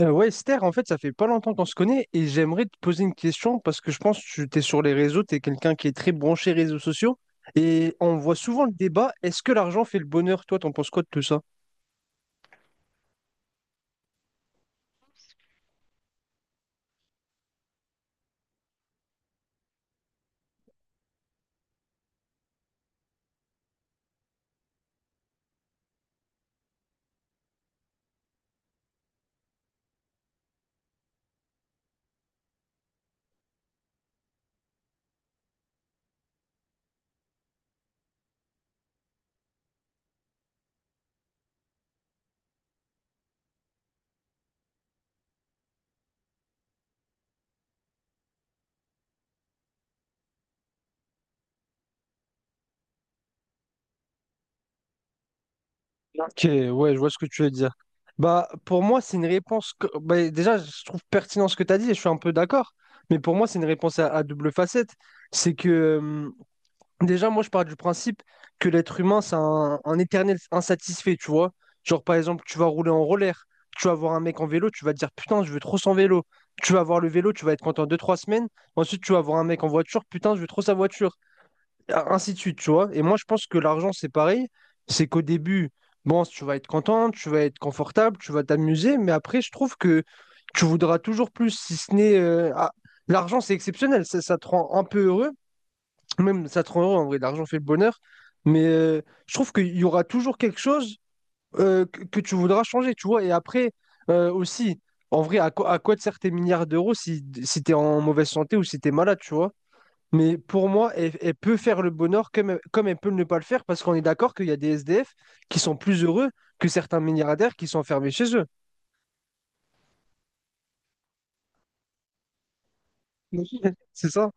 Ouais, Esther, en fait, ça fait pas longtemps qu'on se connaît et j'aimerais te poser une question parce que je pense que tu es sur les réseaux, tu es quelqu'un qui est très branché réseaux sociaux et on voit souvent le débat, est-ce que l'argent fait le bonheur? Toi, t'en penses quoi de tout ça? Ok, ouais, je vois ce que tu veux dire. Bah, pour moi, c'est une réponse que... bah, déjà, je trouve pertinent ce que tu as dit et je suis un peu d'accord, mais pour moi, c'est une réponse à double facette. C'est que déjà, moi, je pars du principe que l'être humain, c'est un éternel insatisfait, tu vois. Genre, par exemple, tu vas rouler en roller, tu vas voir un mec en vélo, tu vas te dire, putain, je veux trop son vélo. Tu vas voir le vélo, tu vas être content deux, trois semaines. Ensuite, tu vas voir un mec en voiture, putain, je veux trop sa voiture. Et ainsi de suite, tu vois. Et moi, je pense que l'argent, c'est pareil. C'est qu'au début, bon, tu vas être content, tu vas être confortable, tu vas t'amuser. Mais après, je trouve que tu voudras toujours plus, si ce n'est... l'argent, c'est exceptionnel, ça te rend un peu heureux. Même ça te rend heureux, en vrai, l'argent fait le bonheur. Mais je trouve qu'il y aura toujours quelque chose que tu voudras changer, tu vois. Et après, aussi, en vrai, à quoi te servent tes milliards d'euros si, si tu es en mauvaise santé ou si tu es malade, tu vois. Mais pour moi, elle, elle peut faire le bonheur comme, comme elle peut ne pas le faire, parce qu'on est d'accord qu'il y a des SDF qui sont plus heureux que certains milliardaires qui sont enfermés chez eux. Oui. C'est ça?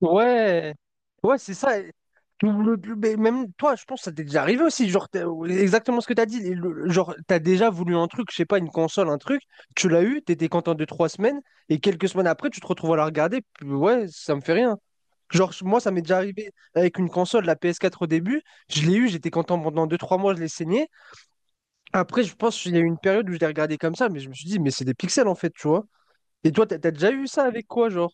Ouais, ouais, c'est ça. Mais même toi, je pense que ça t'est déjà arrivé aussi. Genre, t'as- exactement ce que t'as dit. Le- genre, t'as déjà voulu un truc, je sais pas, une console, un truc. Tu l'as eu, t'étais content de trois semaines, et quelques semaines après, tu te retrouves à la regarder. Puis ouais, ça me fait rien. Genre, moi, ça m'est déjà arrivé avec une console, la PS4 au début. Je l'ai eu, j'étais content pendant deux, trois mois, je l'ai saigné. Après, je pense qu'il y a eu une période où je l'ai regardé comme ça, mais je me suis dit, mais c'est des pixels en fait, tu vois. Et toi, t'as déjà eu ça avec quoi, genre?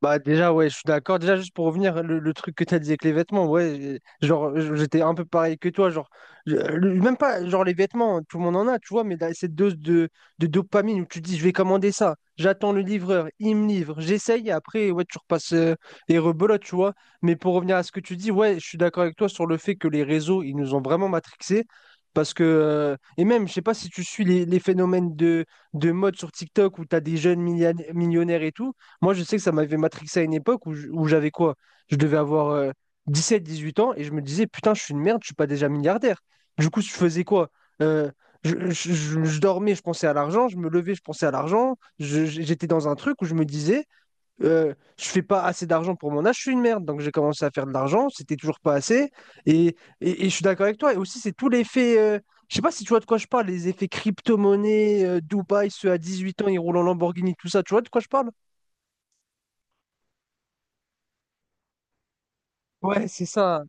Bah déjà ouais je suis d'accord déjà juste pour revenir le truc que t'as dit avec les vêtements ouais j'étais un peu pareil que toi genre même pas genre les vêtements tout le monde en a tu vois mais là, cette dose de dopamine où tu te dis je vais commander ça j'attends le livreur il me livre j'essaye et après ouais tu repasses et rebelote tu vois mais pour revenir à ce que tu dis ouais je suis d'accord avec toi sur le fait que les réseaux ils nous ont vraiment matrixés parce que et même je sais pas si tu suis les phénomènes de mode sur TikTok où t'as des jeunes millionnaires et tout moi, je sais que ça m'avait matrixé à une époque où où j'avais quoi? Je devais avoir 17, 18 ans et je me disais, putain, je suis une merde, je suis pas déjà milliardaire. Du coup, je faisais quoi? Euh, je dormais, je pensais à l'argent, je me levais, je pensais à l'argent. J'étais dans un truc où je me disais, je fais pas assez d'argent pour mon âge, je suis une merde. Donc, j'ai commencé à faire de l'argent, c'était toujours pas assez. Et, et je suis d'accord avec toi. Et aussi, c'est tous les faits. Je sais pas si tu vois de quoi je parle, les effets crypto-monnaie, Dubaï, ceux à 18 ans, ils roulent en Lamborghini, tout ça. Tu vois de quoi je parle? Ouais, c'est ça.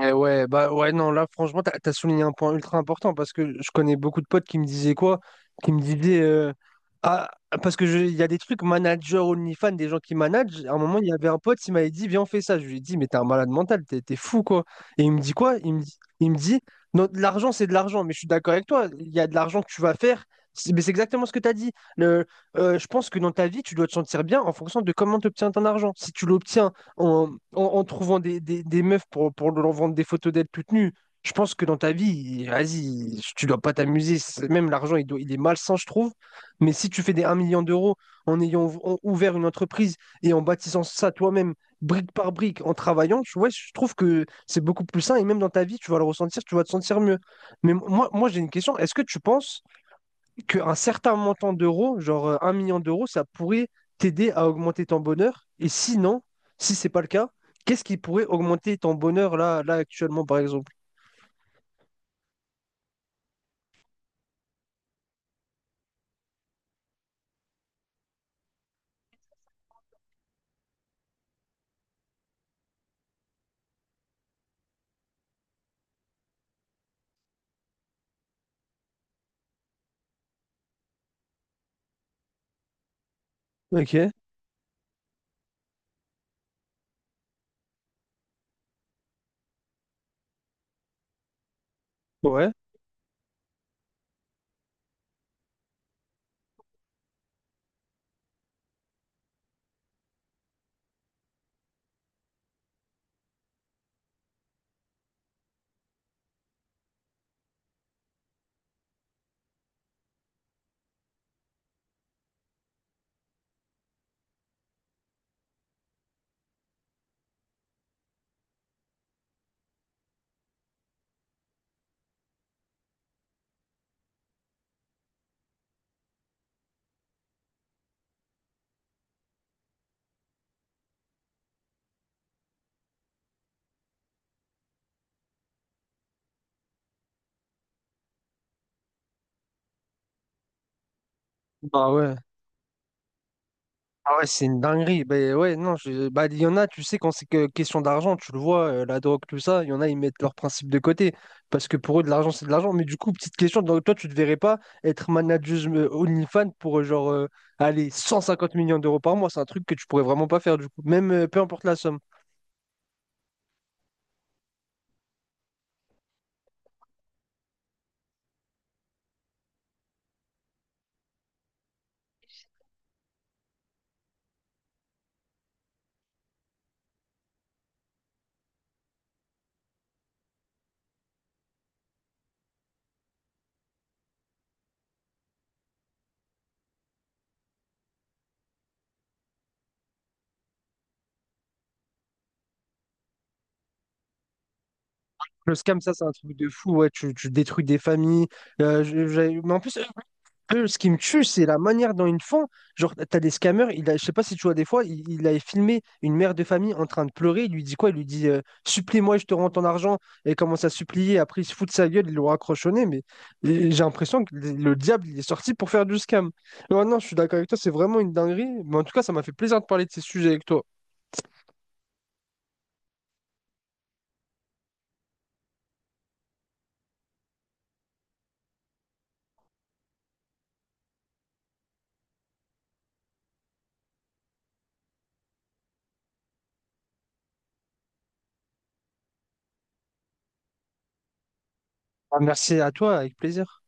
Ouais, ouais, bah ouais, non, là, franchement, t'as souligné un point ultra important parce que je connais beaucoup de potes qui me disaient quoi? Qui me disaient, ah, parce que il y a des trucs manager OnlyFans, des gens qui managent. À un moment, il y avait un pote, il m'avait dit, viens, on fait ça. Je lui ai dit, mais t'es un malade mental, t'es fou, quoi. Et il me dit quoi? Il me dit, non, de l'argent, c'est de l'argent, mais je suis d'accord avec toi, il y a de l'argent que tu vas faire. Mais c'est exactement ce que tu as dit. Le, je pense que dans ta vie, tu dois te sentir bien en fonction de comment tu obtiens ton argent. Si tu l'obtiens en, en trouvant des meufs pour leur vendre des photos d'elles toutes nues. Je pense que dans ta vie, vas-y, tu dois pas t'amuser. Même l'argent, il est malsain, je trouve. Mais si tu fais des 1 million d'euros en ayant ouvert une entreprise et en bâtissant ça toi-même, brique par brique, en travaillant, tu vois, je trouve que c'est beaucoup plus sain. Et même dans ta vie, tu vas le ressentir, tu vas te sentir mieux. Mais moi j'ai une question. Est-ce que tu penses qu'un certain montant d'euros, 1 million d'euros, ça pourrait t'aider à augmenter ton bonheur. Et sinon, si c'est pas le cas, qu'est-ce qui pourrait augmenter ton bonheur là actuellement, par exemple? Ok, ouais. Bah ouais. Ah ouais, c'est une dinguerie. Ben ouais, non, je- bah, il y en a, tu sais, quand c'est que question d'argent, tu le vois, la drogue, tout ça, il y en a, ils mettent leurs principes de côté. Parce que pour eux, de l'argent, c'est de l'argent. Mais du coup, petite question, donc toi, tu te verrais pas être manager OnlyFans pour allez, 150 millions d'euros par mois. C'est un truc que tu pourrais vraiment pas faire, du coup. Même Peu importe la somme. Le scam, ça, c'est un truc de fou. Ouais, tu détruis des familles. Mais en plus, peu, ce qui me tue, c'est la manière dont ils font. Genre, t'as des scammers, il a, je sais pas si tu vois des fois, il avait filmé une mère de famille en train de pleurer. Il lui dit quoi? Il lui dit: Supplie-moi, je te rends ton argent. Et il commence à supplier. Après, il se fout de sa gueule, il l'aura raccrochonné. Mais et j'ai l'impression que le diable, il est sorti pour faire du scam. Non, non, je suis d'accord avec toi, c'est vraiment une dinguerie. Mais en tout cas, ça m'a fait plaisir de parler de ces sujets avec toi. Ah, merci à toi, avec plaisir.